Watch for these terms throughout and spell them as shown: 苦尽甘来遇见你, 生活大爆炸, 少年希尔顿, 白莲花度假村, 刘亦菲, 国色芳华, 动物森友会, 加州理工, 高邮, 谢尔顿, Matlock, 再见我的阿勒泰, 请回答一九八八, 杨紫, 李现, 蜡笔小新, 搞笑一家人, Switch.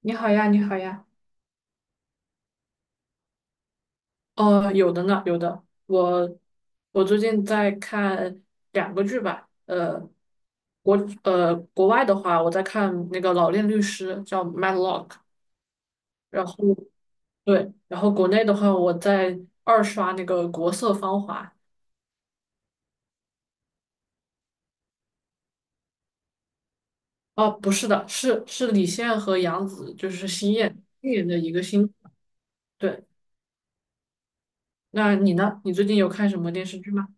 你好呀，你好呀。哦，有的呢，有的。我最近在看两个剧吧。国国外的话，我在看那个《老练律师》，叫《Matlock》。然后对，然后国内的话，我在二刷那个《国色芳华》。哦，不是的，是李现和杨紫，就是新演的一个新。对，那你呢？你最近有看什么电视剧吗？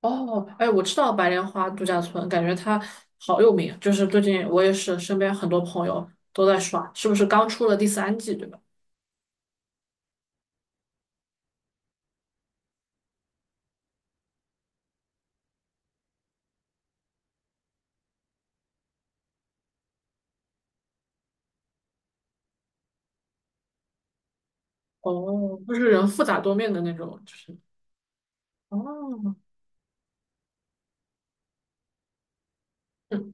哦，哎，我知道白莲花度假村，感觉它好有名。就是最近我也是身边很多朋友都在刷，是不是刚出了第三季，对吧？哦，就是人复杂多面的那种，就是哦，嗯，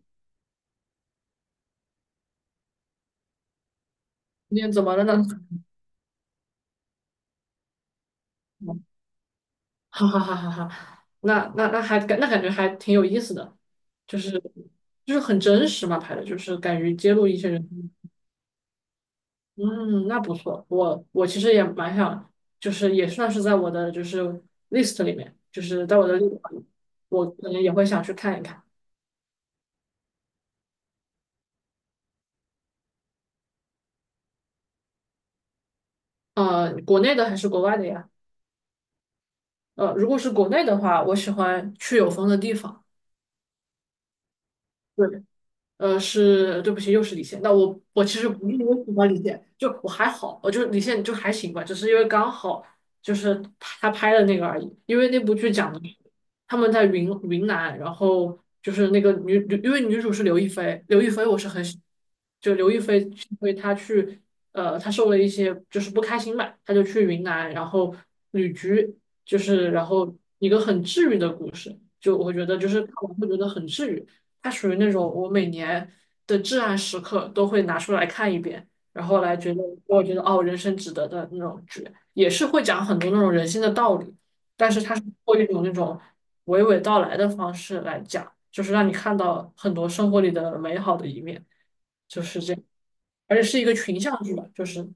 天怎么了呢？嗯，哈哈哈哈哈，那感觉还挺有意思的，就是很真实嘛，拍的就是敢于揭露一些人。嗯，那不错。我其实也蛮想，就是也算是在我的就是 list 里面，就是在我的 list 里，我可能也会想去看一看。国内的还是国外的呀？如果是国内的话，我喜欢去有风的地方。对。是，对不起，又是李现。那我其实不是因为喜欢李现，就我还好，我就是李现就还行吧，只是因为刚好就是他拍的那个而已。因为那部剧讲的是他们在云南，然后就是那个女，女因为女主是刘亦菲，刘亦菲我是很喜，就刘亦菲是因为她去，她受了一些就是不开心吧，她就去云南，然后旅居，就是然后一个很治愈的故事，就我觉得就是看完会觉得很治愈。它属于那种我每年的至暗时刻都会拿出来看一遍，然后来觉得我觉得哦，人生值得的那种剧，也是会讲很多那种人性的道理，但是它是通过一种那种娓娓道来的方式来讲，就是让你看到很多生活里的美好的一面，就是这样，而且是一个群像剧吧，就是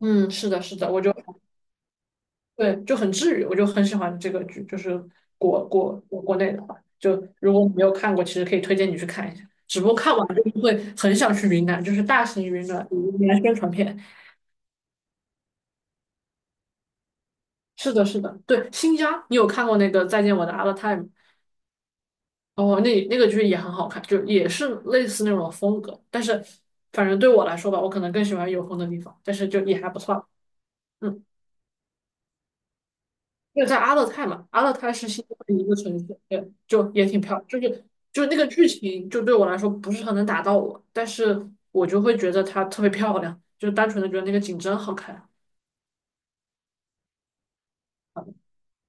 嗯，是的，是的，我就。对，就很治愈，我就很喜欢这个剧，就是国内的话，就如果你没有看过，其实可以推荐你去看一下。只不过看完就是会很想去云南，就是大型云南云南宣传片。是的，是的，对，新疆，你有看过那个《再见我的阿勒泰》吗？哦，那那个剧也很好看，就也是类似那种风格，但是反正对我来说吧，我可能更喜欢有风的地方，但是就也还不错。嗯。那个在阿勒泰嘛，阿勒泰是新西兰一个城市，对，就也挺漂亮。就是就是那个剧情，就对我来说不是很能打到我，但是我就会觉得它特别漂亮，就是单纯的觉得那个景真好看。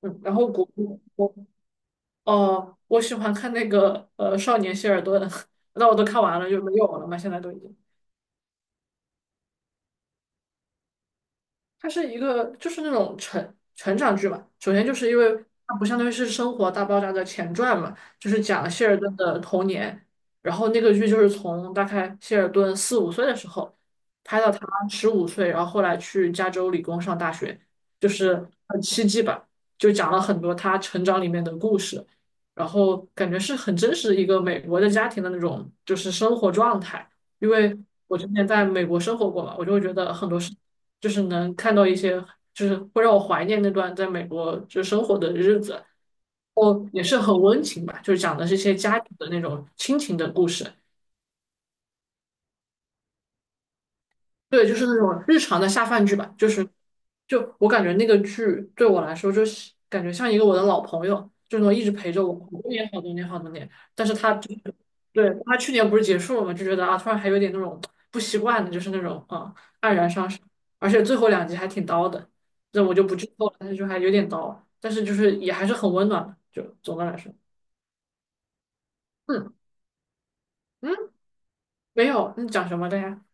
嗯，然后国我哦，我喜欢看那个《少年希尔顿》，那我都看完了，就没有了嘛，现在都已经。它是一个就是那种成长剧嘛。首先就是因为它不相当于是《生活大爆炸》的前传嘛，就是讲谢尔顿的童年。然后那个剧就是从大概谢尔顿4、5岁的时候拍到他15岁，然后后来去加州理工上大学，就是很奇迹吧，就讲了很多他成长里面的故事。然后感觉是很真实一个美国的家庭的那种就是生活状态，因为我之前在美国生活过嘛，我就会觉得很多事。就是能看到一些，就是会让我怀念那段在美国就生活的日子，哦，也是很温情吧，就是讲的是一些家庭的那种亲情的故事。对，就是那种日常的下饭剧吧，就是就我感觉那个剧对我来说，就是感觉像一个我的老朋友，就是那种一直陪着我好多年、好多年、好多年。但是他就是对他去年不是结束了嘛，就觉得啊，突然还有点那种不习惯的，就是那种啊黯然伤神，而且最后两集还挺刀的，这我就不剧透了，但是就还有点刀，但是就是也还是很温暖的，就总的来说，嗯嗯，没有，你讲什么的呀？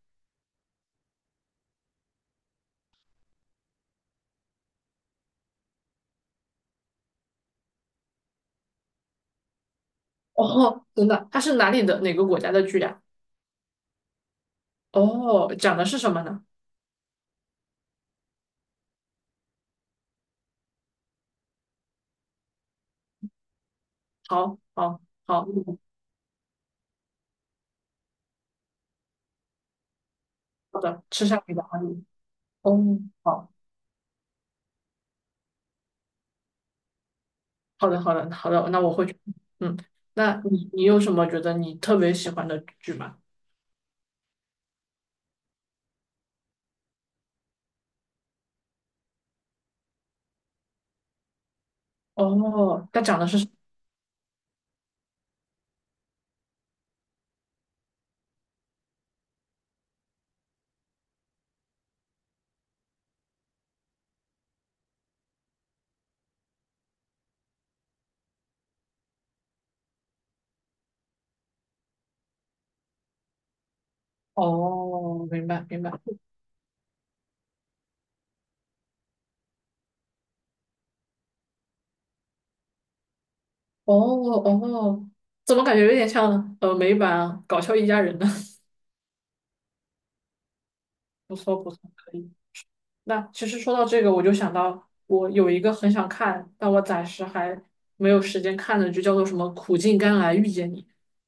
哦，真的，它是哪里的哪个国家的剧呀？哦，讲的是什么呢？好，好，好，嗯，好的，吃下你的阿姨。哦，好，好的，好的，好的，那我会去。嗯，那你你有什么觉得你特别喜欢的剧吗？哦，它讲的是什哦，明白明白。哦哦，怎么感觉有点像美版《搞笑一家人》呢？不错不错，可以。那其实说到这个，我就想到我有一个很想看，但我暂时还没有时间看的剧，叫做什么《苦尽甘来遇见你》，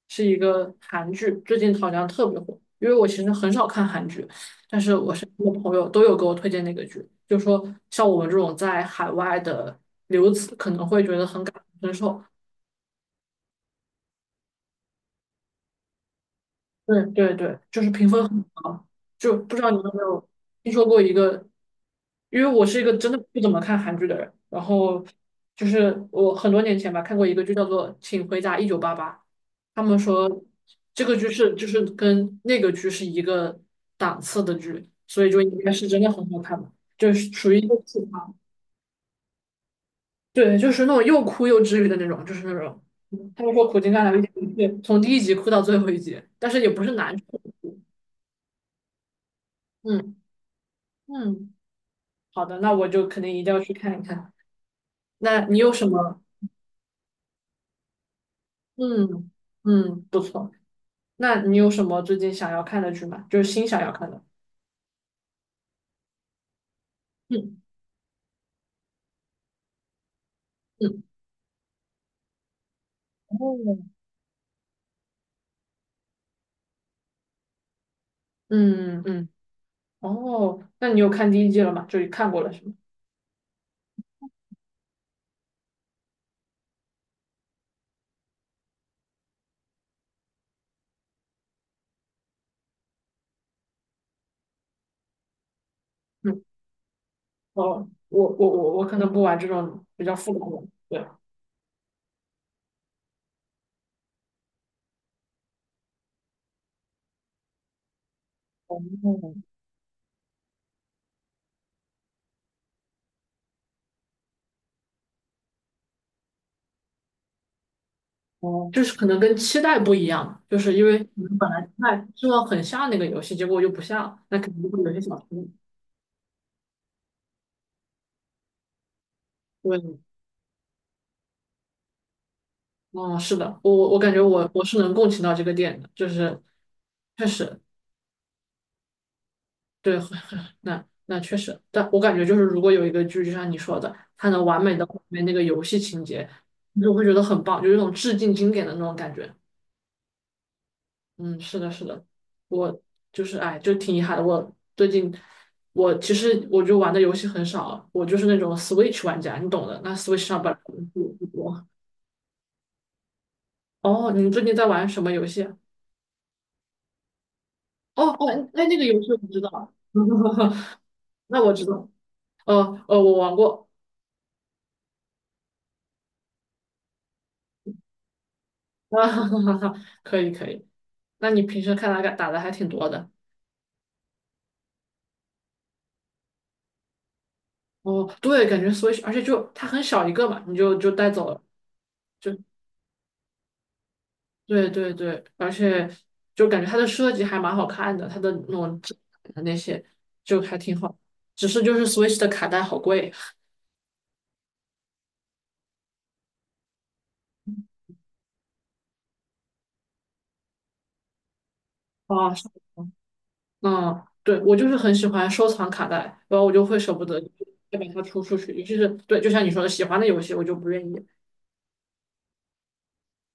是一个韩剧，最近好像特别火。因为我其实很少看韩剧，但是我身边的朋友都有给我推荐那个剧，就说像我们这种在海外的留子可能会觉得很感同身受，对对对，就是评分很高，就不知道你有没有听说过一个，因为我是一个真的不怎么看韩剧的人，然后就是我很多年前吧看过一个剧叫做《请回答1988》，他们说这个剧是就是跟那个剧是一个档次的剧，所以就应该是真的很好看吧，就是属于一个启发，对，就是那种又哭又治愈的那种，就是那种，他们说苦尽甘来遇见一切，从第一集哭到最后一集，但是也不是难受嗯嗯。好的，那我就肯定一定要去看一看。那你有什么？嗯嗯，不错。那你有什么最近想要看的剧吗？就是新想要看的。嗯嗯哦嗯嗯哦，那你有看第一季了吗？就是看过了是吗？嗯哦，我可能不玩这种比较复杂的。对。哦哦，就是可能跟期待不一样，就是因为你们本来期就希望很像那个游戏，结果又不像，那肯定就会有一些小失望。对，哦，是的，我感觉我是能共情到这个点的，就是确实对，很很那那确实，但我感觉就是如果有一个剧，就像你说的，它能完美的还原那个游戏情节，你就会觉得很棒，就有一种致敬经典的那种感觉。嗯，是的，是的，我就是哎，就挺遗憾的。我最近我其实我就玩的游戏很少，我就是那种 Switch 玩家，你懂的。那 Switch 上本来不不多。哦，你最近在玩什么游戏啊哦哦，那那个游戏我知道。那我知道，哦哦，我玩过啊，哈哈哈哈，可以可以。那你平时看他打的还挺多的哦，对，感觉 Switch,而且就它很小一个嘛，你就就带走了，就对对对，而且就感觉它的设计还蛮好看的，它的那种质感的那些就还挺好，只是就是 Switch 的卡带好贵啊，是吗嗯，对，我就是很喜欢收藏卡带，然后我就会舍不得再把它出出去，尤其是对，就像你说的，喜欢的游戏我就不愿意，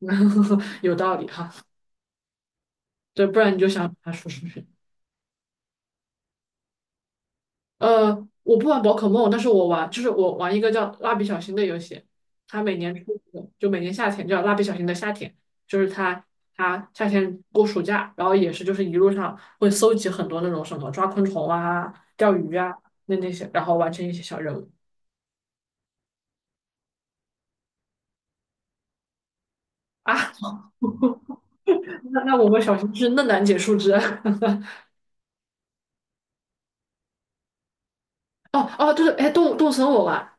有道理哈。对，不然你就想把它说出去。呃，我不玩宝可梦，但是我玩，就是我玩一个叫蜡笔小新的游戏，它每年出一个就每年夏天叫蜡笔小新的夏天，就是它它夏天过暑假，然后也是就是一路上会搜集很多那种什么抓昆虫啊、钓鱼啊那那些，然后完成一些小任务啊。那我们小新是嫩楠解树枝。哦哦，就是哎，动森我玩，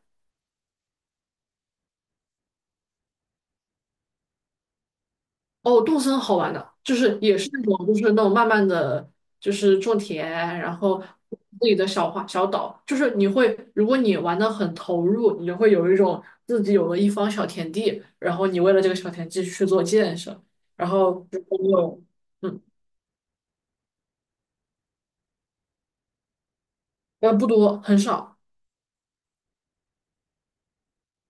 哦，动森好玩的，就是也是那种，就是那种慢慢的就是种田，然后自己的小花小岛，就是你会，如果你玩的很投入，你就会有一种自己有了一方小田地，然后你为了这个小田地去做建设，然后如果你有，嗯，不多，很少，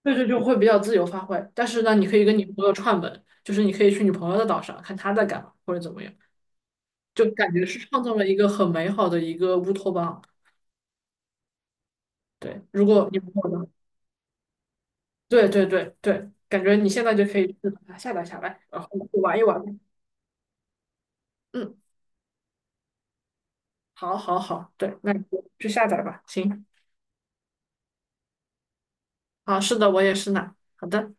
对对，就会比较自由发挥。但是呢，你可以跟你朋友串门，就是你可以去你朋友的岛上看他在干嘛或者怎么样，就感觉是创造了一个很美好的一个乌托邦。对，如果你朋友的对对对对，感觉你现在就可以去把它下载下来，然后去玩一玩。嗯，好，好，好，对，那你就去下载吧。行，啊，是的，我也是呢。好的。